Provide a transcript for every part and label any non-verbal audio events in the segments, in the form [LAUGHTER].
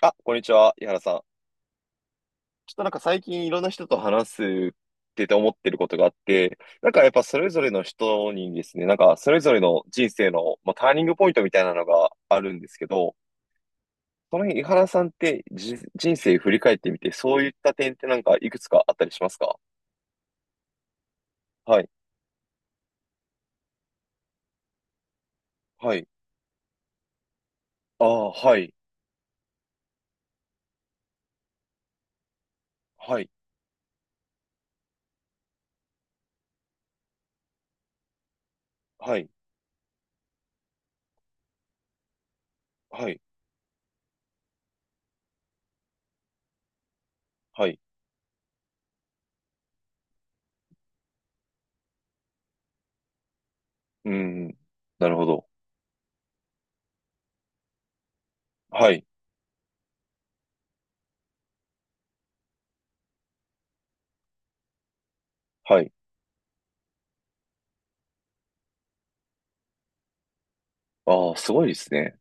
あ、こんにちは、井原さん。ちょっとなんか最近いろんな人と話すってて思ってることがあって、なんかやっぱそれぞれの人にですね、なんかそれぞれの人生の、まあ、ターニングポイントみたいなのがあるんですけど、その辺、井原さんって人生振り返ってみて、そういった点ってなんかいくつかあったりしますか？はい、はい、ああ、はい、はい、はい、はい、はい、うん、なるほど。はい、はい、ああ、すごいですね。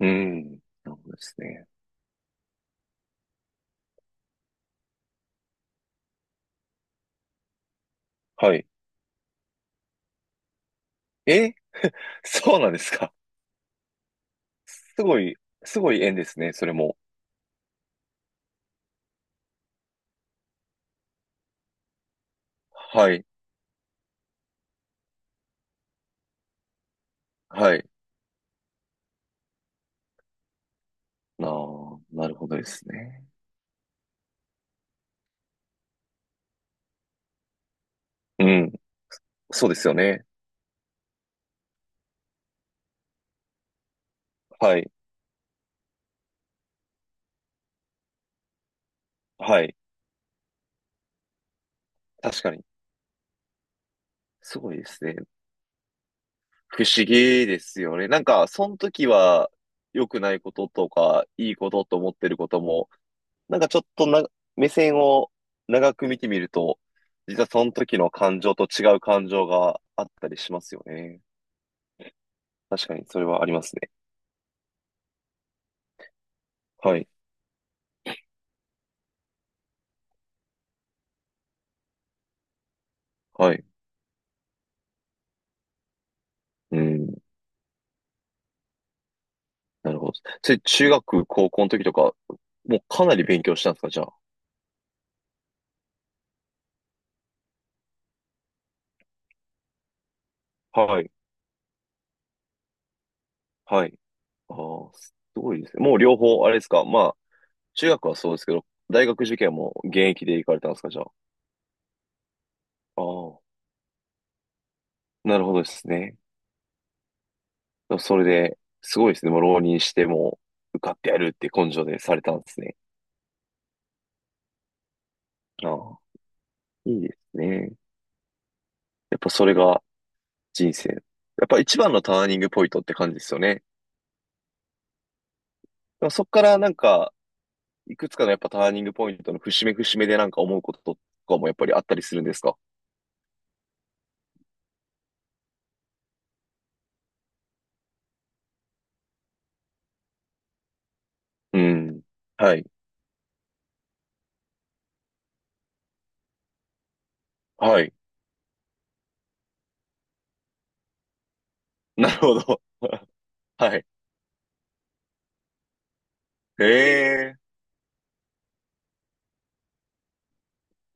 うん、なるほどですね。はい。え。 [LAUGHS] そうなんですか？すごい、すごい縁ですね、それも。はい、はい。なあ、なるほどですね。うん、そうですよね。はい、はい。確かに。すごいですね。不思議ですよね。なんか、その時は良くないこととか、いいことと思ってることも、なんかちょっとな、目線を長く見てみると、実はその時の感情と違う感情があったりしますよね。確かに、それはありますね。はい、はい。うん。なるほど。それ、中学、高校の時とか、もうかなり勉強したんですか、じゃあ。はい、はい。ああ、すごいですね。もう両方、あれですか。まあ、中学はそうですけど、大学受験も現役で行かれたんですか、じゃあ。ああ、なるほどですね。それで、すごいですね。もう浪人しても、受かってやるって根性でされたんですね。ああ、いいですね。やっぱそれが人生。やっぱ一番のターニングポイントって感じですよね。でもそっからなんか、いくつかのやっぱターニングポイントの節目節目でなんか思うこととかもやっぱりあったりするんですか？うん。はい。はい。なるほど。[LAUGHS] はい。ええ。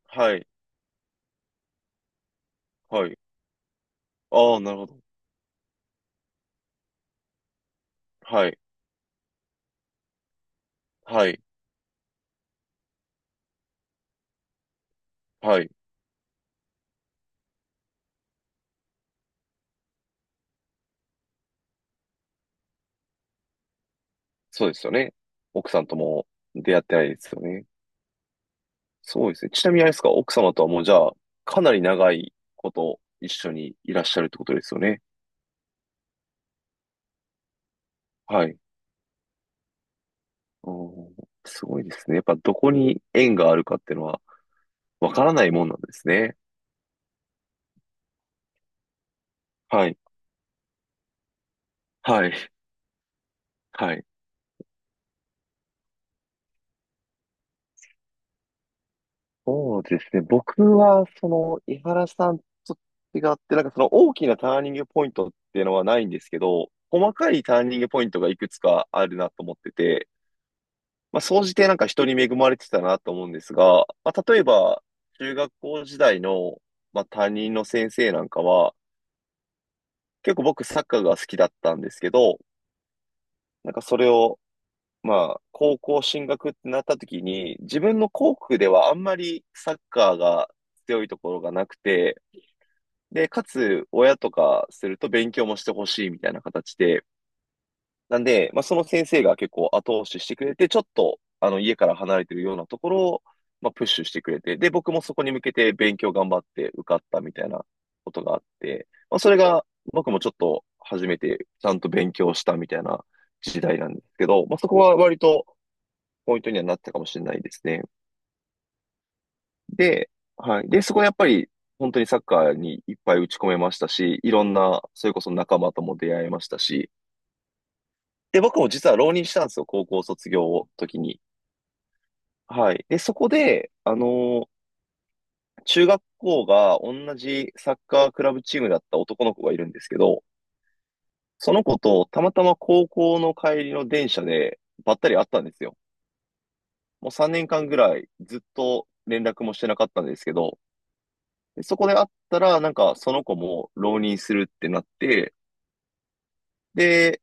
はい。はい。ああ、なるほど。はい。はい。はい。そうですよね。奥さんとも出会ってないですよね。そうですね。ちなみにあれですか、奥様とはもうじゃあ、かなり長いこと一緒にいらっしゃるってことですよね。はい。おー、すごいですね。やっぱどこに縁があるかっていうのはわからないもんなんですね。はい。はい。はい。そうですね。僕は、その、井原さんと違って、なんかその大きなターニングポイントっていうのはないんですけど、細かいターニングポイントがいくつかあるなと思ってて、まあ、総じてなんか人に恵まれてたなと思うんですが、まあ、例えば、中学校時代の、まあ、担任の先生なんかは、結構僕サッカーが好きだったんですけど、なんかそれを、まあ、高校進学ってなった時に、自分の校区ではあんまりサッカーが強いところがなくて、で、かつ、親とかすると勉強もしてほしいみたいな形で、なんで、まあ、その先生が結構後押ししてくれて、ちょっと、あの、家から離れてるようなところを、まあ、プッシュしてくれて、で、僕もそこに向けて勉強頑張って受かったみたいなことがあって、まあ、それが、僕もちょっと初めてちゃんと勉強したみたいな時代なんですけど、まあ、そこは割と、ポイントにはなったかもしれないですね。で、はい。で、そこでやっぱり、本当にサッカーにいっぱい打ち込めましたし、いろんな、それこそ仲間とも出会えましたし、で、僕も実は浪人したんですよ、高校卒業の時に。はい。で、そこで、中学校が同じサッカークラブチームだった男の子がいるんですけど、その子とたまたま高校の帰りの電車でばったり会ったんですよ。もう3年間ぐらいずっと連絡もしてなかったんですけど、でそこで会ったら、なんかその子も浪人するってなって、で、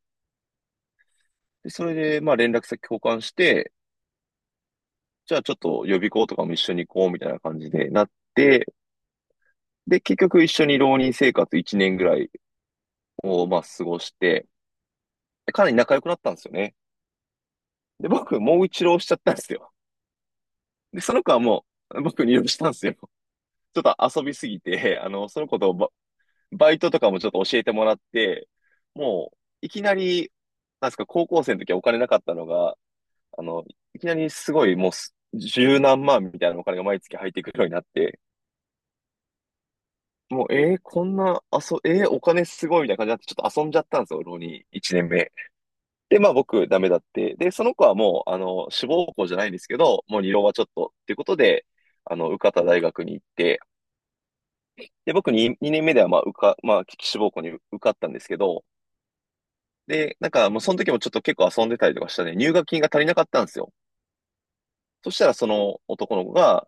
それでまあ連絡先交換して、じゃあちょっと予備校とかも一緒に行こうみたいな感じでなって、で、結局一緒に浪人生活1年ぐらいをまあ過ごして、でかなり仲良くなったんですよね。で、僕もう一浪しちゃったんですよ。で、その子はもう僕に浪したんですよ。ちょっと遊びすぎて、あの、その子とバイトとかもちょっと教えてもらって、もういきなり、なんですか、高校生の時はお金なかったのが、あの、いきなりすごいもうす十何万みたいなお金が毎月入ってくるようになって、もう、こんな、お金すごいみたいな感じになって、ちょっと遊んじゃったんですよ、浪人1年目。で、まあ僕ダメだって。で、その子はもう、あの、志望校じゃないんですけど、もう二浪はちょっとっていうことで、あの、受かった大学に行って、で、僕に2年目ではまあまあ、志望校に受かったんですけど、で、なんかもうその時もちょっと結構遊んでたりとかしたね、入学金が足りなかったんですよ。そしたらその男の子が、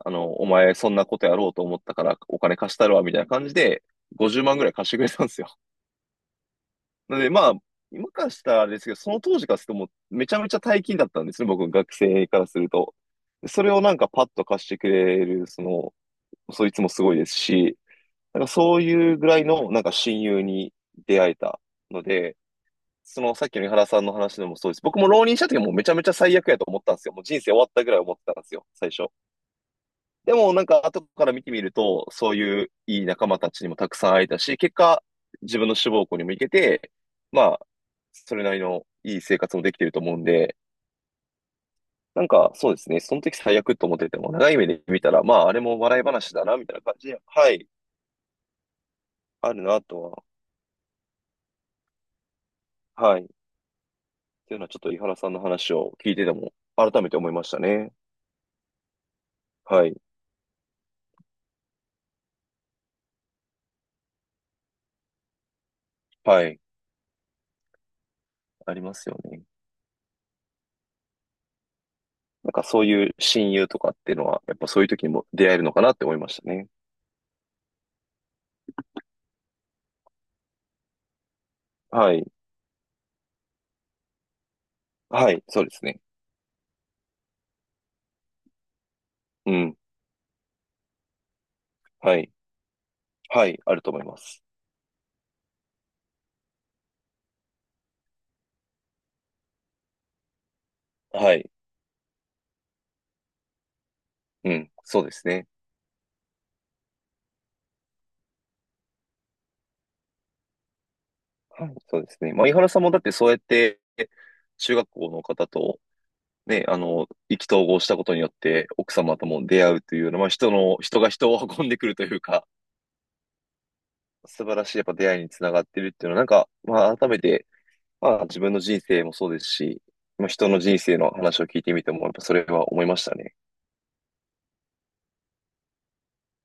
あの、お前そんなことやろうと思ったからお金貸したるわ、みたいな感じで、50万ぐらい貸してくれたんですよ。[LAUGHS] なので、まあ、今からしたらあれですけど、その当時からするともうめちゃめちゃ大金だったんですね、僕、学生からすると。それをなんかパッと貸してくれる、その、そいつもすごいですし、なんかそういうぐらいのなんか親友に出会えたので、そのさっきの井原さんの話でもそうです。僕も浪人した時はもうめちゃめちゃ最悪やと思ったんですよ。もう人生終わったぐらい思ってたんですよ、最初。でもなんか後から見てみると、そういういい仲間たちにもたくさん会えたし、結果、自分の志望校にも行けて、まあ、それなりのいい生活もできてると思うんで、なんかそうですね、その時最悪と思ってても、長い目で見たら、まあ、あれも笑い話だな、みたいな感じで、はい、あるなとは、はい、っていうのはちょっと井原さんの話を聞いてても、改めて思いましたね。はい、はい、ありますよね。なんかそういう親友とかっていうのは、やっぱそういう時にも出会えるのかなって思いましたね。はい、はい、そうですね。うん。はい。はい。あると思います。はい。うん。そうですね。はい。そうですね。まあ、井原さんもだってそうやって、中学校の方と、ね、あの、意気投合したことによって、奥様とも出会うというような、まあ、人の、人が人を運んでくるというか、素晴らしいやっぱ出会いにつながってるっていうのは、なんか、まあ、改めて、まあ、自分の人生もそうですし、まあ、人の人生の話を聞いてみても、やっぱそれは思いましたね。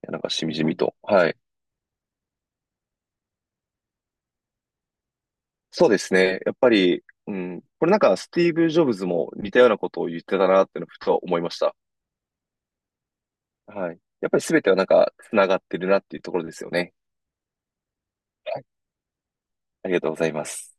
いやなんか、しみじみと。はい。そうですね。やっぱり、うん。これなんかスティーブ・ジョブズも似たようなことを言ってたなっていうのをふと思いました。はい。やっぱり全てはなんか繋がってるなっていうところですよね。はい。ありがとうございます。